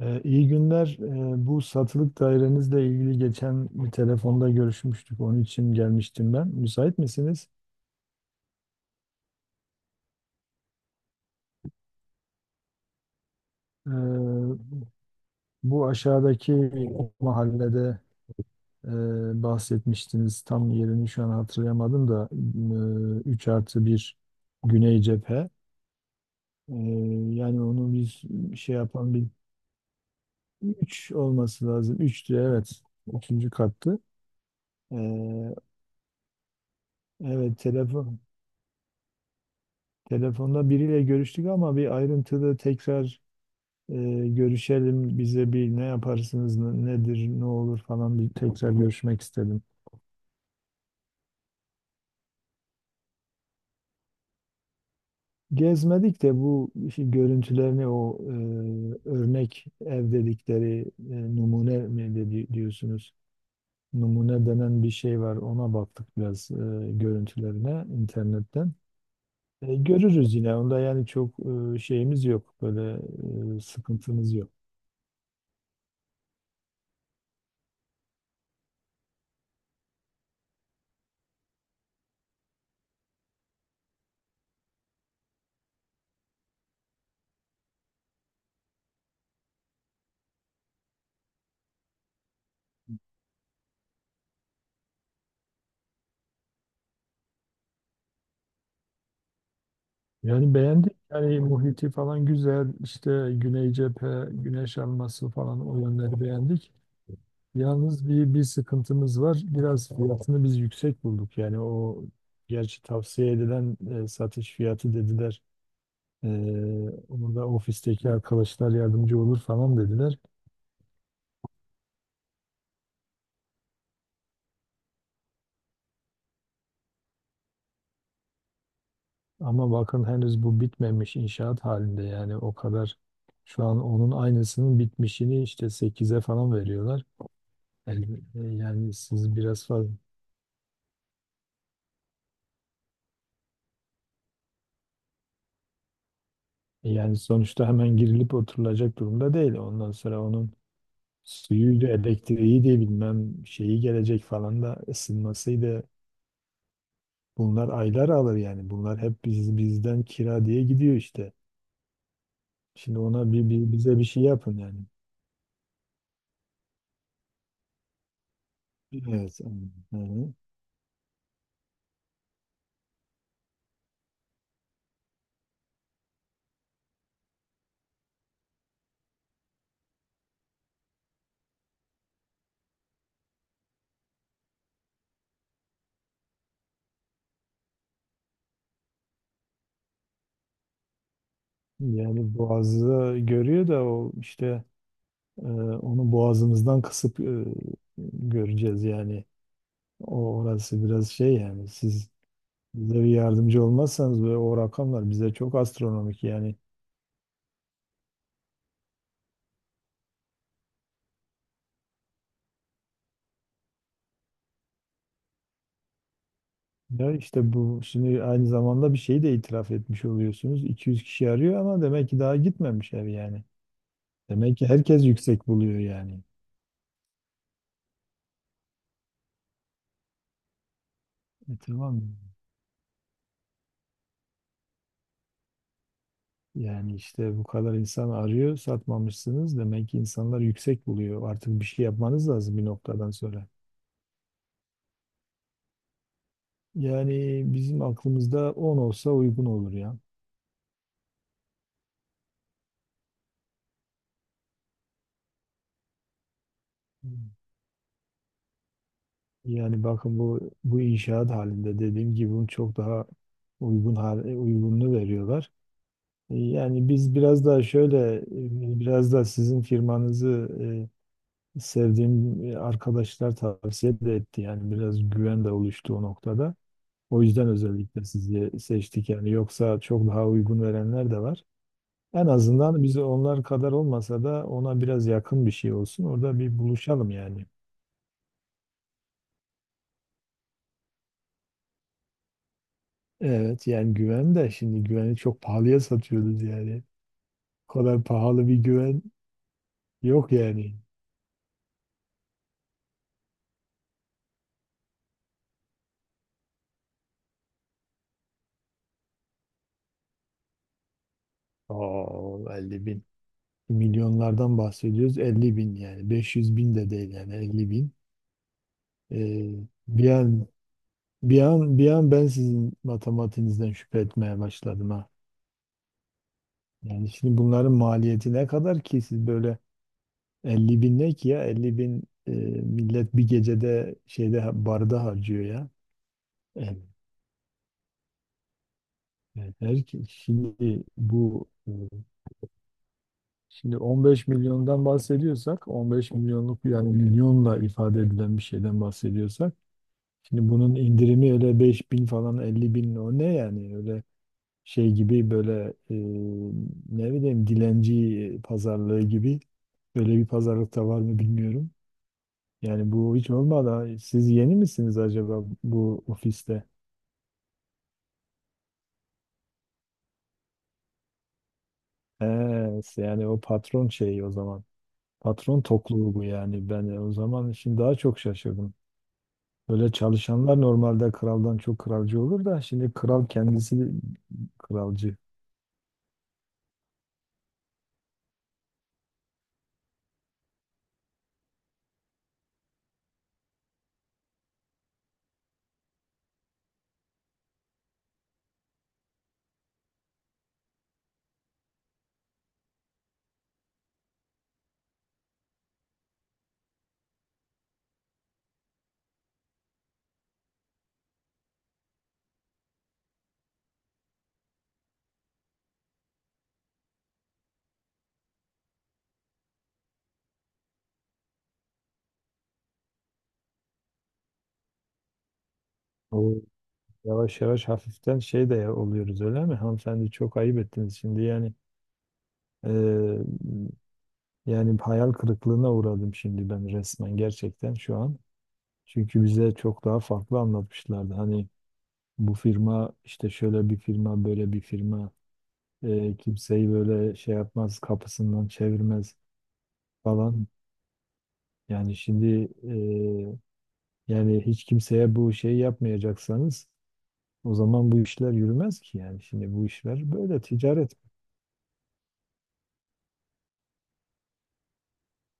İyi günler. Bu satılık dairenizle ilgili geçen bir telefonda görüşmüştük. Onun için gelmiştim ben. Müsait misiniz? Ee, Bu aşağıdaki mahallede e, bahsetmiştiniz. Tam yerini şu an hatırlayamadım da 3 artı 1 Güney Cephe. Ee, Yani onu biz şey yapan bir 3 olması lazım. 3'tü evet. Üçüncü kattı. Ee, evet telefon. Telefonda biriyle görüştük ama bir ayrıntılı tekrar e, görüşelim. Bize bir ne yaparsınız, nedir, ne olur falan bir tekrar görüşmek istedim. Gezmedik de bu işte görüntülerini o örnek ev dedikleri numune mi diyorsunuz? Numune denen bir şey var. Ona baktık biraz görüntülerine internetten. E, görürüz yine. Onda yani çok şeyimiz yok. Böyle sıkıntımız yok. Yani beğendik. Yani muhiti falan güzel. İşte Güney cephe, güneş alması falan o yönleri beğendik. Yalnız bir sıkıntımız var. Biraz fiyatını biz yüksek bulduk. Yani o gerçi tavsiye edilen satış fiyatı dediler. E, Onu da ofisteki arkadaşlar yardımcı olur falan dediler. Ama bakın henüz bu bitmemiş inşaat halinde yani o kadar şu an onun aynısının bitmişini işte 8'e falan veriyorlar. Yani siz biraz fazla yani sonuçta hemen girilip oturulacak durumda değil. Ondan sonra onun suyuydu, elektriği de bilmem şeyi gelecek falan da ısınmasıydı. Bunlar aylar alır yani. Bunlar hep bizden kira diye gidiyor işte. Şimdi ona bize bir şey yapın yani. Evet. Hı hı. Yani boğazı görüyor da o işte onu boğazımızdan kısıp göreceğiz yani. O orası biraz şey yani siz bize bir yardımcı olmazsanız ve o rakamlar bize çok astronomik yani. Ya işte bu şimdi aynı zamanda bir şeyi de itiraf etmiş oluyorsunuz. 200 kişi arıyor ama demek ki daha gitmemiş ev yani. Demek ki herkes yüksek buluyor yani. E tamam, yani. Yani işte bu kadar insan arıyor, satmamışsınız. Demek ki insanlar yüksek buluyor. Artık bir şey yapmanız lazım bir noktadan sonra. Yani bizim aklımızda 10 olsa uygun olur ya. Yani bakın bu inşaat halinde dediğim gibi bunun çok daha uygununu veriyorlar. E, yani biz biraz daha şöyle biraz da sizin firmanızı sevdiğim arkadaşlar tavsiye de etti. Yani biraz güven de oluştu o noktada. O yüzden özellikle sizi seçtik yani. Yoksa çok daha uygun verenler de var. En azından biz onlar kadar olmasa da ona biraz yakın bir şey olsun. Orada bir buluşalım yani. Evet yani güven de şimdi güveni çok pahalıya satıyoruz yani. O kadar pahalı bir güven yok yani. Oo, 50 bin. Milyonlardan bahsediyoruz. 50 bin yani. 500 bin de değil yani. 50 bin. Ee, bir an, bir an ben sizin matematiğinizden şüphe etmeye başladım ha. Yani şimdi bunların maliyeti ne kadar ki siz böyle 50 bin ne ki ya 50 bin millet bir gecede şeyde barda harcıyor ya. Evet. Evet, şimdi bu şimdi 15 milyondan bahsediyorsak 15 milyonluk yani milyonla ifade edilen bir şeyden bahsediyorsak şimdi bunun indirimi öyle 5 bin falan 50 bin o ne yani öyle şey gibi böyle ne bileyim dilenci pazarlığı gibi böyle bir pazarlık da var mı bilmiyorum. Yani bu hiç olmadı. Siz yeni misiniz acaba bu ofiste? He, yani o patron şeyi o zaman. Patron tokluğu bu yani. Ben o zaman şimdi daha çok şaşırdım. Böyle çalışanlar normalde kraldan çok kralcı olur da şimdi kral kendisi kralcı. O yavaş yavaş hafiften şey de oluyoruz öyle mi? Hanımefendi çok ayıp ettiniz şimdi yani. eee, yani hayal kırıklığına uğradım şimdi ben resmen gerçekten şu an. Çünkü bize çok daha farklı anlatmışlardı. Hani bu firma işte şöyle bir firma böyle bir firma kimseyi böyle şey yapmaz kapısından çevirmez falan. Yani şimdi e, yani hiç kimseye bu şeyi yapmayacaksanız o zaman bu işler yürümez ki yani. Şimdi bu işler böyle ticaret.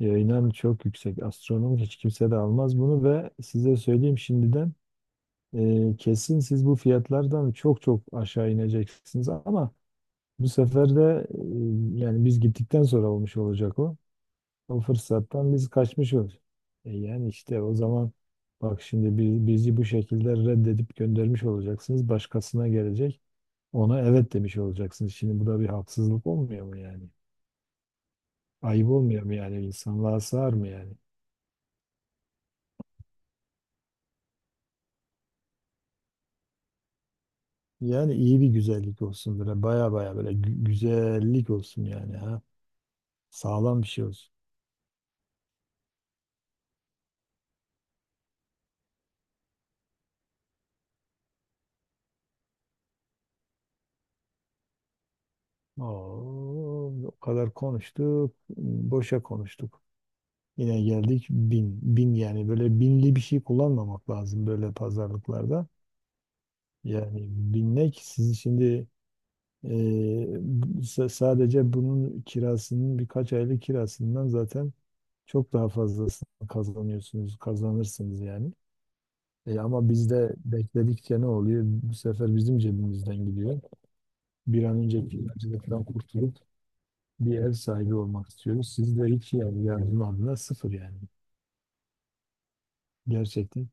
E, inan çok yüksek. Astronom hiç kimse de almaz bunu ve size söyleyeyim şimdiden kesin siz bu fiyatlardan çok çok aşağı ineceksiniz ama bu sefer de yani biz gittikten sonra olmuş olacak o. O fırsattan biz kaçmış oluruz. E yani işte o zaman bak şimdi bizi bu şekilde reddedip göndermiş olacaksınız. Başkasına gelecek. Ona evet demiş olacaksınız. Şimdi bu da bir haksızlık olmuyor mu yani? Ayıp olmuyor mu yani? İnsanlığa sığar mı yani? Yani iyi bir güzellik olsun böyle. Baya baya böyle güzellik olsun yani ha. Sağlam bir şey olsun. Oo, o kadar konuştuk. Boşa konuştuk. Yine geldik bin. Bin yani böyle binli bir şey kullanmamak lazım böyle pazarlıklarda. Yani binmek siz şimdi e, sadece bunun kirasının birkaç aylık kirasından zaten çok daha fazlasını kazanıyorsunuz, kazanırsınız yani. E, ama bizde bekledikçe ne oluyor? Bu sefer bizim cebimizden gidiyor. Bir an önce kiracılıktan kurtulup bir ev sahibi olmak istiyoruz. Siz de hiç yani yardım adına sıfır yani. Gerçekten.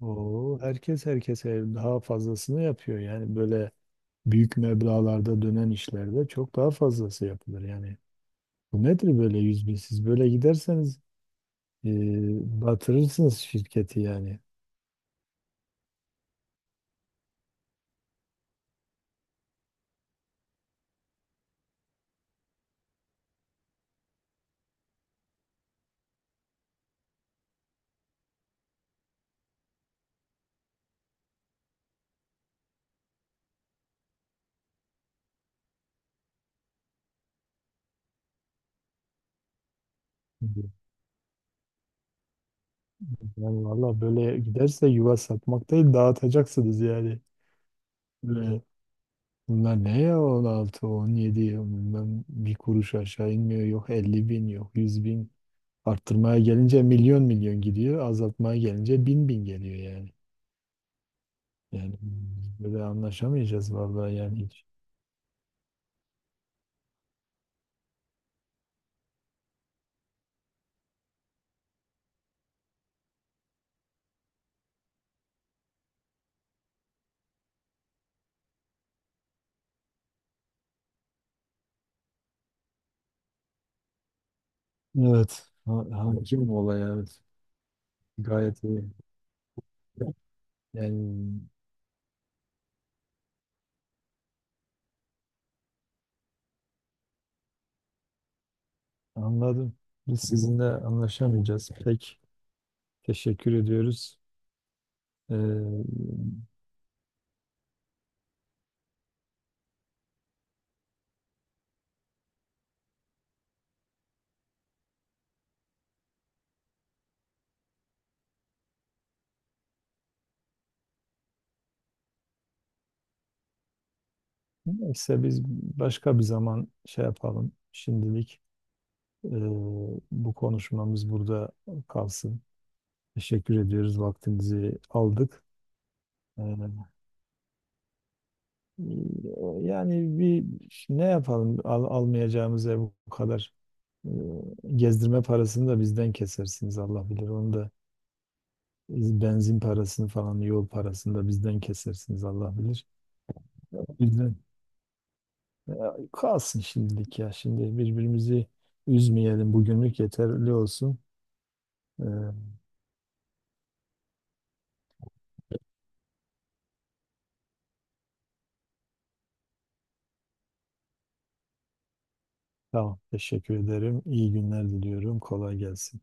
Oo, herkes herkese daha fazlasını yapıyor. Yani böyle büyük meblağlarda dönen işlerde çok daha fazlası yapılır. Yani bu nedir böyle 100 bin? Siz böyle giderseniz e, batırırsınız şirketi yani. Yani valla böyle giderse yuva satmak değil dağıtacaksınız yani. Ee, Bunlar ne ya 16, 17 bundan bir kuruş aşağı inmiyor. Yok 50 bin yok 100 bin. Arttırmaya gelince milyon milyon gidiyor. Azaltmaya gelince bin bin geliyor yani. Yani böyle anlaşamayacağız vallahi yani hiç. Evet. Hakim olay evet. Gayet iyi. Yani anladım. Biz sizinle anlaşamayacağız. Pek teşekkür ediyoruz. Ee, Neyse biz başka bir zaman şey yapalım. Şimdilik Ee, bu konuşmamız burada kalsın. Teşekkür ediyoruz. Vaktinizi aldık. Ee, Yani bir ne yapalım? Almayacağımız ev bu kadar e, gezdirme parasını da bizden kesersiniz Allah bilir. Onu da benzin parasını falan yol parasını da bizden kesersiniz Allah bilir. Bizden e, kalsın şimdilik ya. Şimdi birbirimizi üzmeyelim. Bugünlük yeterli olsun. Ee, Tamam. Teşekkür ederim. İyi günler diliyorum. Kolay gelsin.